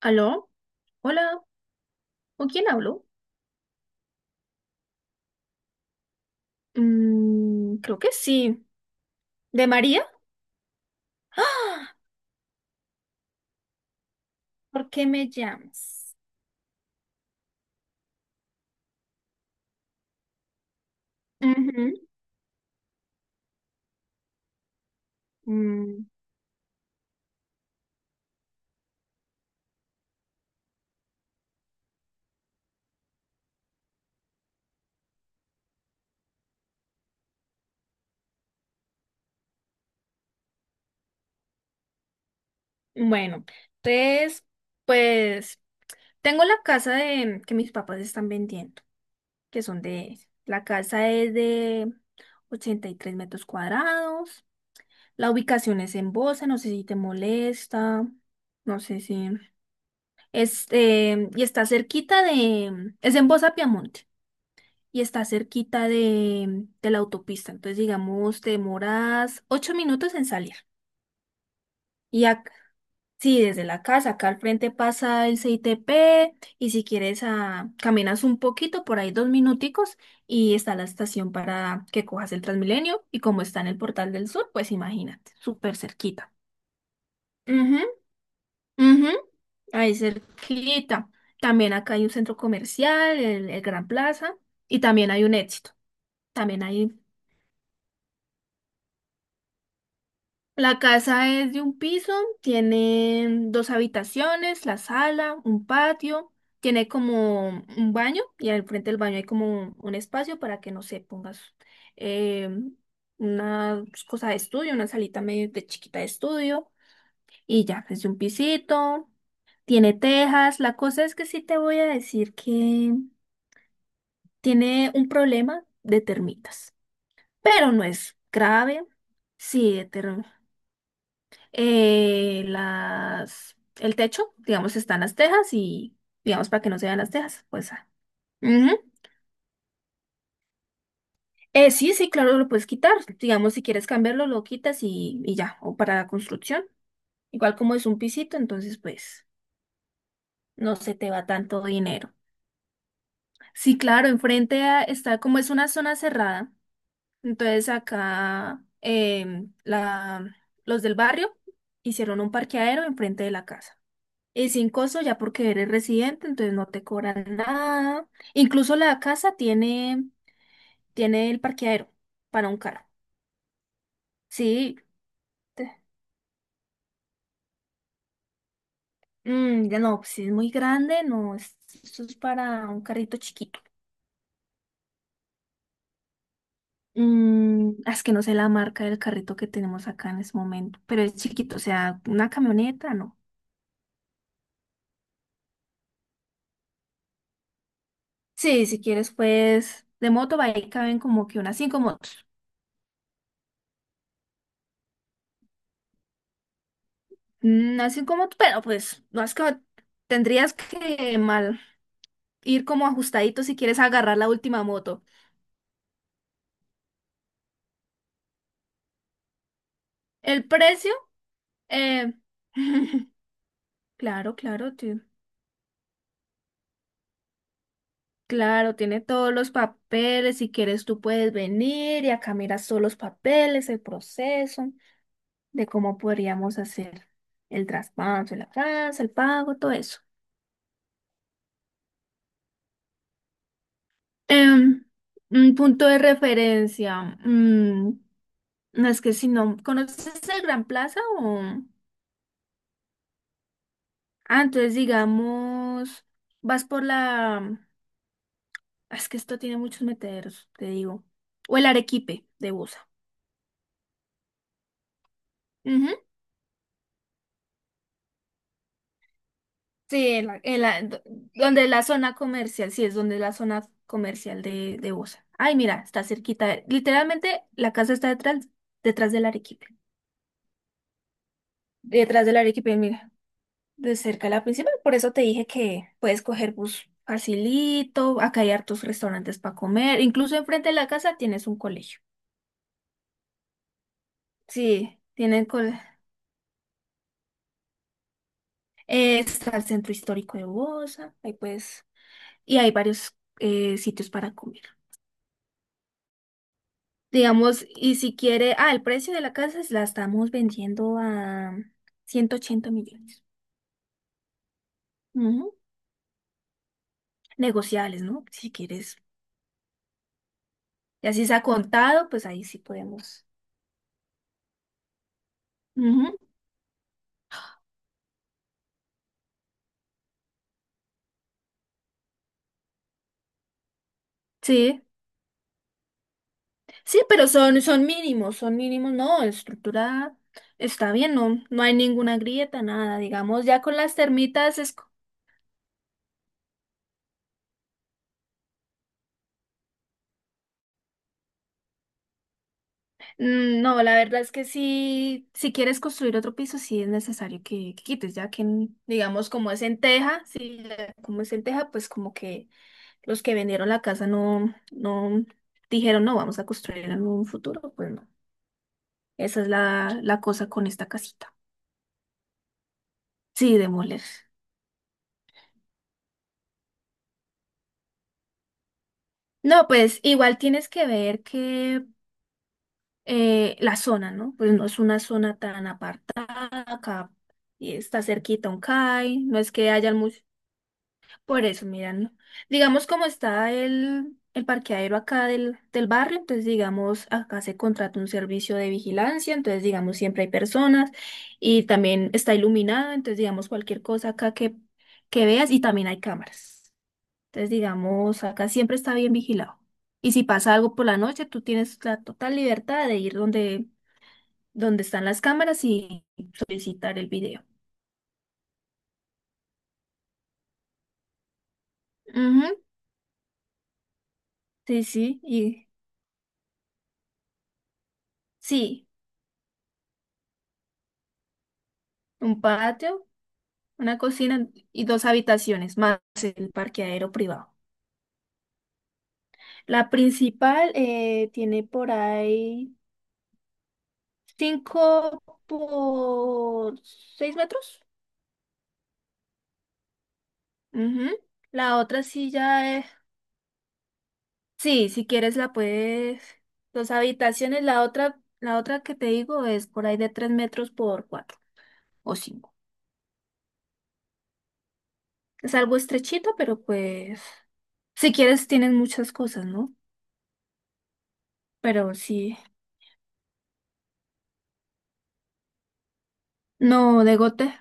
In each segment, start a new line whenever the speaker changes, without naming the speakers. ¿Aló? Hola, ¿con quién hablo? Creo que sí. ¿De María? ¡Ah! ¿Por qué me llamas? Ujú. Mm, bueno, entonces, pues, tengo la casa de, que mis papás están vendiendo, que son de, la casa es de 83 metros cuadrados. La ubicación es en Bosa, no sé si te molesta, no sé si, este, y está cerquita de, es en Bosa, Piamonte. Y está cerquita de la autopista. Entonces, digamos, te demoras ocho minutos en salir. Y ac- sí, desde la casa, acá al frente pasa el CITP, y si quieres caminas un poquito, por ahí dos minuticos, y está la estación para que cojas el Transmilenio, y como está en el Portal del Sur, pues imagínate, súper cerquita. Ujú, ujú, ahí cerquita. También acá hay un centro comercial, el Gran Plaza, y también hay un Éxito. También hay La casa es de un piso, tiene dos habitaciones, la sala, un patio, tiene como un baño, y al frente del baño hay como un espacio para que, no sé, pongas eh, una cosa de estudio, una salita medio de chiquita de estudio, y ya, es de un pisito, tiene tejas. La cosa es que sí te voy a decir que tiene un problema de termitas, pero no es grave. Sí, de ter. El techo, digamos, están las tejas y, digamos, para que no se vean las tejas, pues. Ah. Ujú. Sí, sí, claro, lo puedes quitar. Digamos, si quieres cambiarlo, lo quitas y ya, o para la construcción. Igual como es un pisito, entonces, pues, no se te va tanto dinero. Sí, claro, está, como es una zona cerrada, entonces acá los del barrio hicieron un parqueadero enfrente de la casa. Y sin costo ya porque eres residente, entonces no te cobran nada. Incluso la casa tiene, tiene el parqueadero para un carro. Sí, te- ya no, si es muy grande, no, eso es para un carrito chiquito. Es que no sé la marca del carrito que tenemos acá en este momento, pero es chiquito, o sea, una camioneta, no. Sí, si quieres, pues, de moto, ahí caben como que unas cinco motos. Unas cinco motos, pero pues, no es que tendrías que mal. Ir como ajustadito si quieres agarrar la última moto. El precio, eh, claro, claro, tío. Claro, tiene todos los papeles. Si quieres, tú puedes venir y acá miras todos los papeles, el proceso de cómo podríamos hacer el traspaso, el avance, el pago, todo eso. Em, un punto de referencia. mm, no, es que si no conoces el Gran Plaza o... Ah, entonces digamos, vas por la es que esto tiene muchos meteoros, te digo. O el Arequipe de Busa. Ujú. Sí, donde la zona comercial, sí, es donde la zona comercial de Busa. Ay, mira, está cerquita. Literalmente la casa está detrás, detrás del Arequipe. Detrás del Arequipe, mira, de cerca la principal. Por eso te dije que puedes coger bus facilito, acá hay hartos restaurantes para comer. Incluso enfrente de la casa tienes un colegio. Sí, tienen col está el centro histórico de Busa, ahí puedes, y hay varios sitios para comer. Digamos, y si quiere, ah, el precio de la casa la estamos vendiendo a 180 millones. Ujú. Negociables, ¿no? Si quieres. Y así se ha contado, pues ahí sí podemos. Ujú. Sí, sí, pero son, mínimos, son mínimos, no, estructura está bien, no, no hay ninguna grieta, nada, digamos, ya con las termitas es. No, la verdad es que sí, si quieres construir otro piso, sí es necesario que, quites, ya que, digamos, como es en teja, sí, ya como es en teja, pues como que los que vendieron la casa no, no dijeron, no, vamos a construir en un futuro, pues no. Esa es la, la cosa con esta casita. Sí, demoler. No, pues igual tienes que ver que la zona, ¿no? Pues no es una zona tan apartada, acá, y está cerquita un CAI, no es que haya mucho. Por eso, mira, ¿no? Digamos como está el parqueadero acá del barrio, entonces digamos, acá se contrata un servicio de vigilancia, entonces digamos, siempre hay personas, y también está iluminado, entonces digamos, cualquier cosa acá que veas, y también hay cámaras. Entonces digamos, acá siempre está bien vigilado. Y si pasa algo por la noche, tú tienes la total libertad de ir donde, donde están las cámaras y solicitar el video. Ujú, sí, sí, y sí, un patio. Una cocina y dos habitaciones, más el parqueadero privado. La principal tiene por ahí 5 por 6 metros. Ujú. La otra sí ya es. Sí, si quieres la puedes. Dos habitaciones, la otra que te digo es por ahí de 3 metros por 4 o cinco. Es algo estrechito, pero pues. Si quieres tienes muchas cosas, ¿no? Pero sí. No, de gote.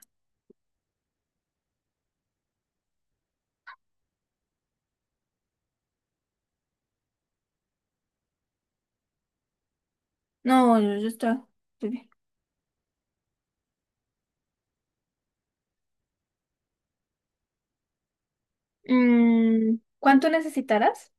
No, yo está. ¿Cuánto necesitarás?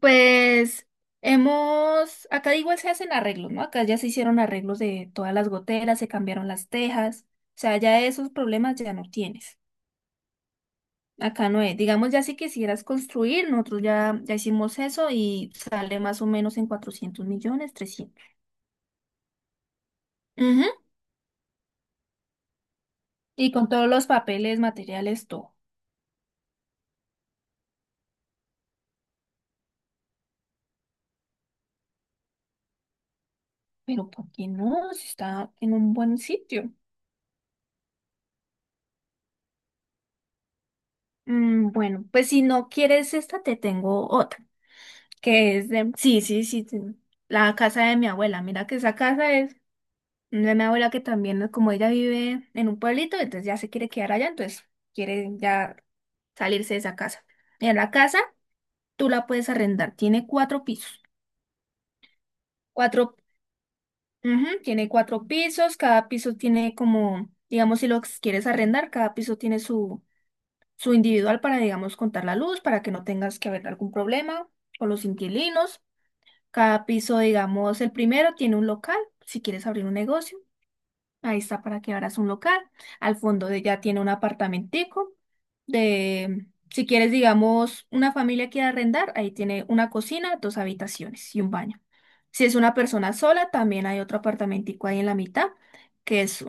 Pues hemos, acá igual se hacen arreglos, ¿no? Acá ya se hicieron arreglos de todas las goteras, se cambiaron las tejas, o sea, ya esos problemas ya no tienes. Acá no es, digamos ya si quisieras construir, nosotros ya, hicimos eso y sale más o menos en 400 millones, 300. Ujú, y con todos los papeles, materiales, todo. Pero ¿por qué no? Si está en un buen sitio. Bueno, pues si no quieres esta, te tengo otra. Que es de, sí, sí, sí, sí, la casa de mi abuela. Mira que esa casa es de mi abuela, que también, como ella vive en un pueblito, entonces ya se quiere quedar allá, entonces quiere ya salirse de esa casa. Mira, la casa tú la puedes arrendar, tiene cuatro pisos, cuatro, ujú, tiene cuatro pisos, cada piso tiene como, digamos, si lo quieres arrendar, cada piso tiene su, su individual para, digamos, contar la luz, para que no tengas que haber algún problema con los inquilinos. Cada piso, digamos, el primero tiene un local, si quieres abrir un negocio, ahí está para que abras un local. Ya tiene un apartamentico de, si quieres, digamos, una familia quiere arrendar, ahí tiene una cocina, dos habitaciones y un baño. Si es una persona sola, también hay otro apartamentico ahí en la mitad, que es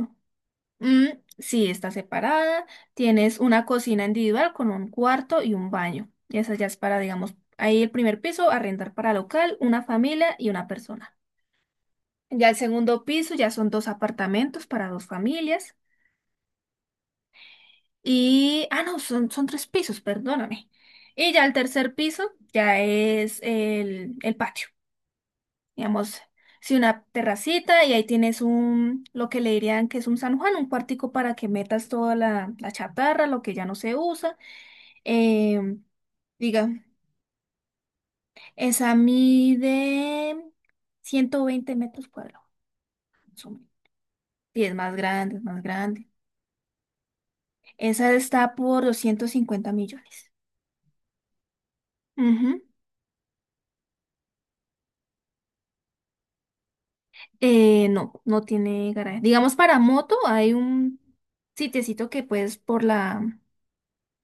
Mm, sí, está separada. Tienes una cocina individual con un cuarto y un baño. Y esa ya es para, digamos, ahí el primer piso, arrendar para local, una familia y una persona. Ya el segundo piso ya son dos apartamentos para dos familias. Y, no, son, tres pisos, perdóname. Y ya el tercer piso ya es el patio. Digamos, si una terracita, y ahí tienes un, lo que le dirían que es un San Juan, un cuartico para que metas toda la, la chatarra, lo que ya no se usa. Eh, diga, Esa mide 120 metros cuadrados, más o menos. Y es más grande, es más grande. Esa está por 250 millones. Ujú. No, no tiene garaje. Digamos, para moto hay un sitiecito que puedes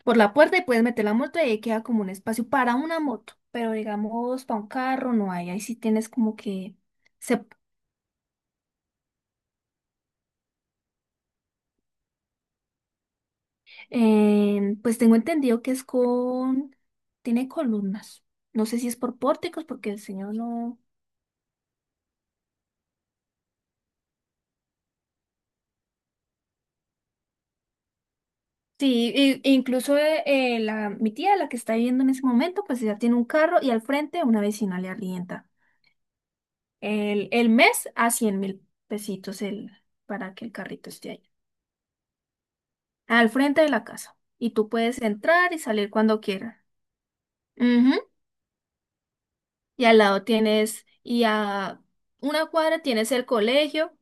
por la puerta y puedes meter la moto y ahí queda como un espacio para una moto. Pero digamos, para un carro no hay. Ahí sí tienes como que. Se Pues tengo entendido que es con. Tiene columnas. No sé si es por pórticos, porque el señor no. Sí, incluso mi tía, la que está viviendo en ese momento, pues ella tiene un carro y al frente una vecina le arrienda. El mes a 100 mil pesitos para que el carrito esté ahí. Al frente de la casa. Y tú puedes entrar y salir cuando quieras. Ujú. Y al lado tienes, y a una cuadra tienes el colegio.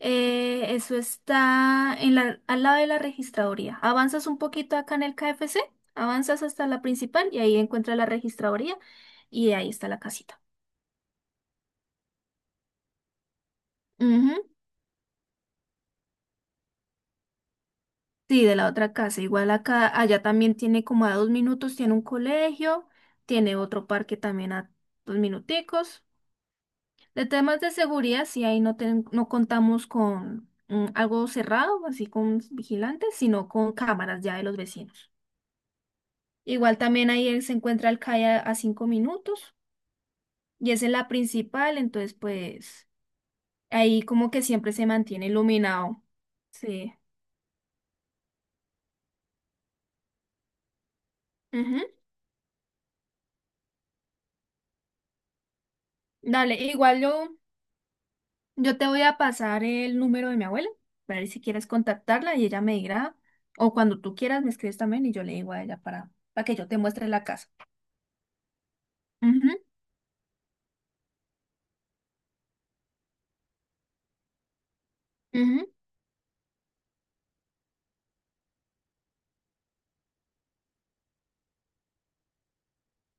Eso está al lado de la registraduría. Avanzas un poquito acá en el KFC, avanzas hasta la principal y ahí encuentras la registraduría y ahí está la casita. Ujú. Sí, de la otra casa. Igual acá, allá también tiene como a dos minutos, tiene un colegio, tiene otro parque también a dos minuticos. De temas de seguridad, sí, ahí no, no contamos con algo cerrado, así con vigilantes, sino con cámaras ya de los vecinos. Igual también ahí se encuentra el CAI a, I a cinco minutos, y esa es la principal, entonces pues ahí como que siempre se mantiene iluminado. Sí. Ujú. Dale, igual yo, te voy a pasar el número de mi abuela para ver si quieres contactarla y ella me dirá, o cuando tú quieras me escribes también y yo le digo a ella para que yo te muestre la casa. Ujú, ujú.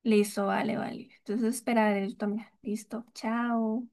Listo, vale, vale. Entonces esperaré yo también. Listo, chao.